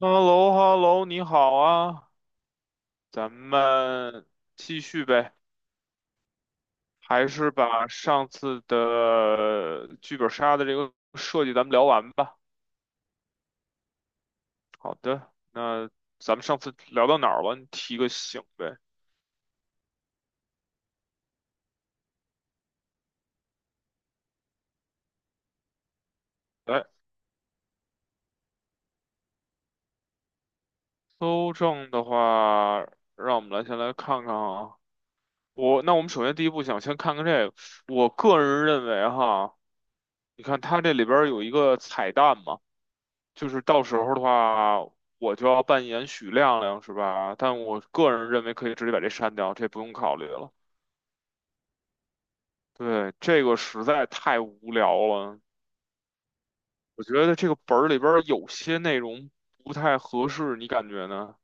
h e l l o h e l l o 你好啊，咱们继续呗，还是把上次的剧本杀的这个设计咱们聊完吧。好的，那咱们上次聊到哪儿了？你提个醒呗。来，搜证的话，让我们来先来看看啊。我，那我们首先第一步想先看看这个，我个人认为哈，你看它这里边儿有一个彩蛋嘛。就是到时候的话，我就要扮演许亮亮，是吧？但我个人认为可以直接把这删掉，这不用考虑了。对，这个实在太无聊了，我觉得这个本儿里边儿有些内容不太合适，你感觉呢？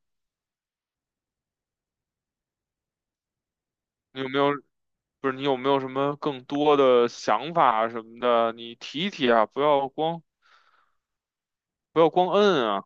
你有没有，不是你有没有什么更多的想法什么的？你提一提啊，不要光摁啊。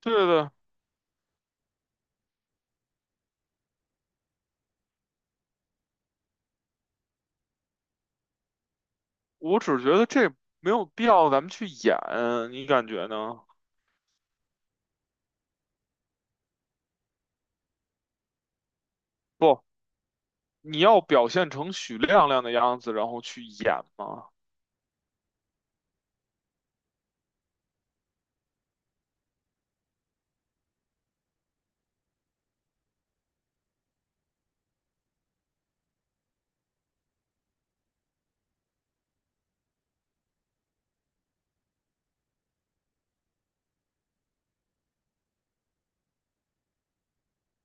对的，我只觉得这没有必要咱们去演，你感觉呢？不。你要表现成许亮亮的样子，然后去演吗？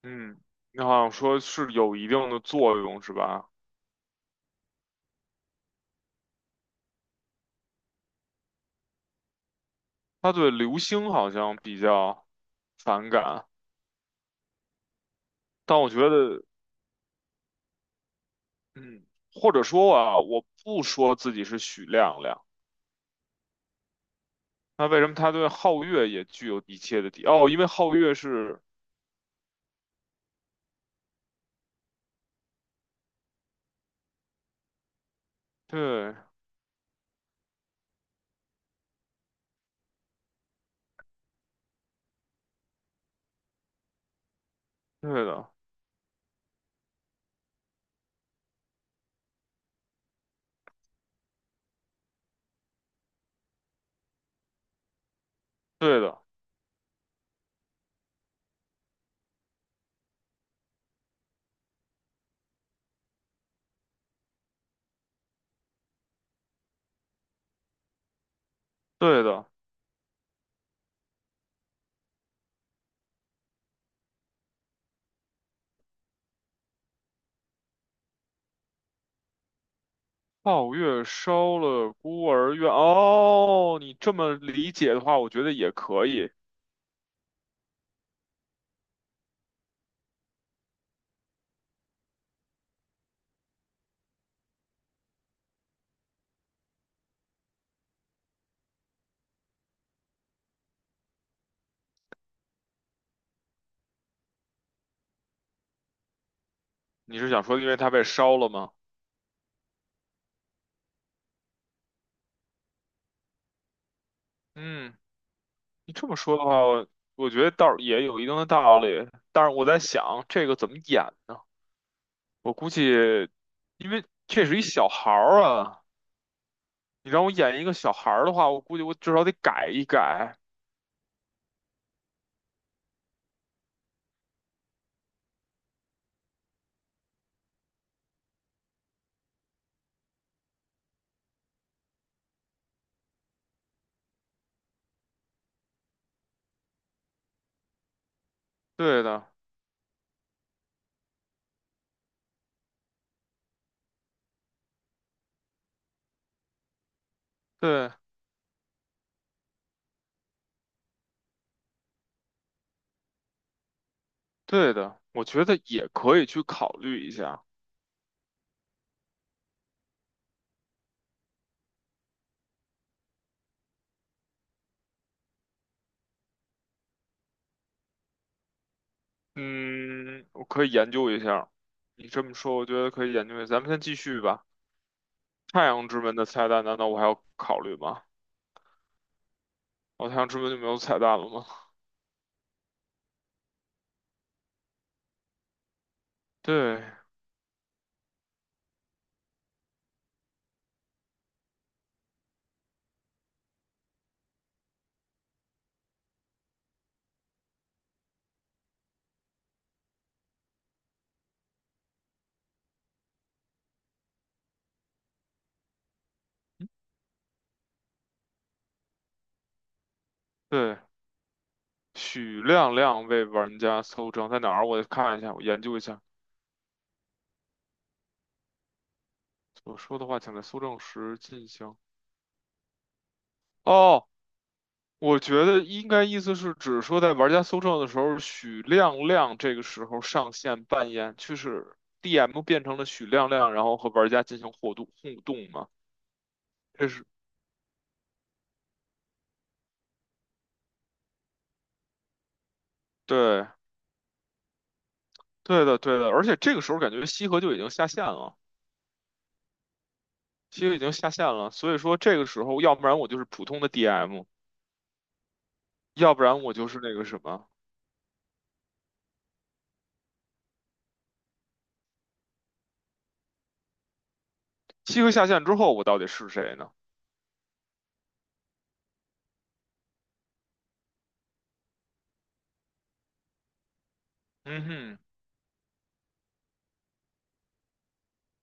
嗯，你好像说是有一定的作用，是吧？他对刘星好像比较反感，但我觉得，嗯，或者说啊，我不说自己是许亮亮，那为什么他对皓月也具有一切的敌？哦，因为皓月是，对，对的，对的，对的。皓月烧了孤儿院，哦，你这么理解的话，我觉得也可以。你是想说因为它被烧了吗？嗯，你这么说的话，我觉得倒是也有一定的道理，但是我在想这个怎么演呢？我估计，因为这是一小孩儿啊，你让我演一个小孩儿的话，我估计我至少得改一改。对的，对，对的，我觉得也可以去考虑一下。嗯，我可以研究一下。你这么说，我觉得可以研究一下。咱们先继续吧。太阳之门的彩蛋，难道我还要考虑吗？哦，太阳之门就没有彩蛋了吗？对对，许亮亮为玩家搜证，在哪儿？我看一下，我研究一下。我说的话，请在搜证时进行。哦，我觉得应该意思是指说，在玩家搜证的时候，许亮亮这个时候上线扮演，就是 DM 变成了许亮亮，然后和玩家进行互动互动嘛。这是对对的对的，而且这个时候感觉西河就已经下线了，西河已经下线了，所以说这个时候，要不然我就是普通的 DM，要不然我就是那个什么。西河下线之后，我到底是谁呢？嗯哼，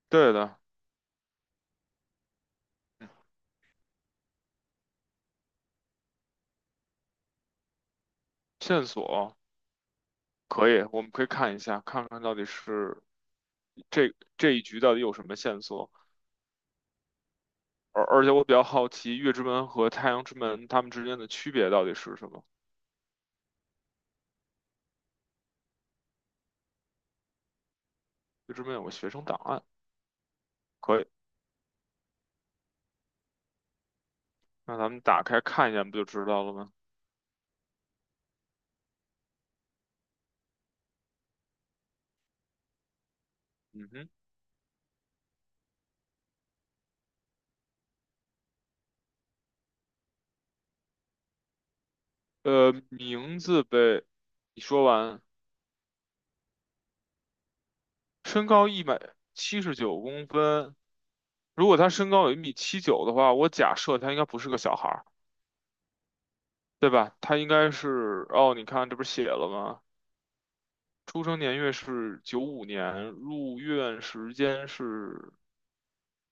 对的，线索可以，我们可以看一下，看看到底是这一局到底有什么线索。而且我比较好奇，月之门和太阳之门它们之间的区别到底是什么？月之门有个学生档案，可以，那咱们打开看一下，不就知道了吗？嗯哼，名字呗，你说完，身高179公分，如果他身高有1米79的话，我假设他应该不是个小孩。对吧？他应该是，哦，你看这不是写了吗？出生年月是九五年，入院时间是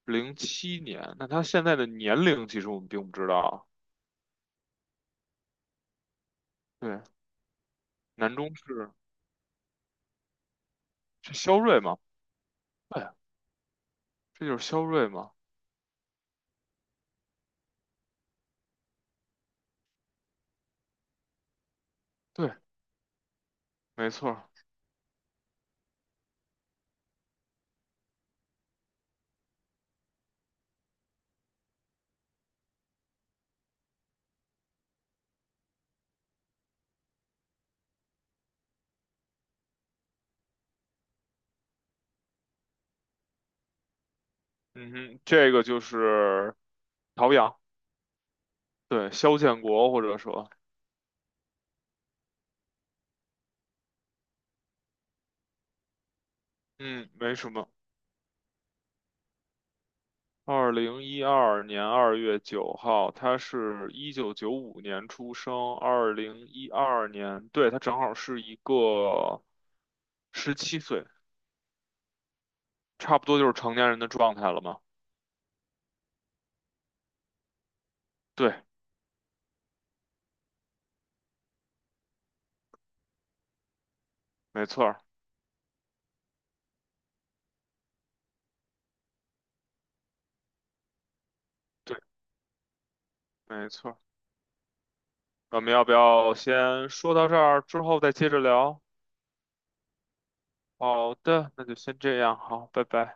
07年。那他现在的年龄其实我们并不知道。对，男中是肖瑞吗？对，这就是肖瑞吗？对，没错儿嗯哼，这个就是陶阳，对，肖建国或者说，嗯，没什么。2012年2月9号，他是1995年出生，二零一二年，对，他正好是一个17岁，差不多就是成年人的状态了嘛。对，没错儿对，没错儿我们要不要先说到这儿，之后再接着聊？好的，那就先这样，好，拜拜。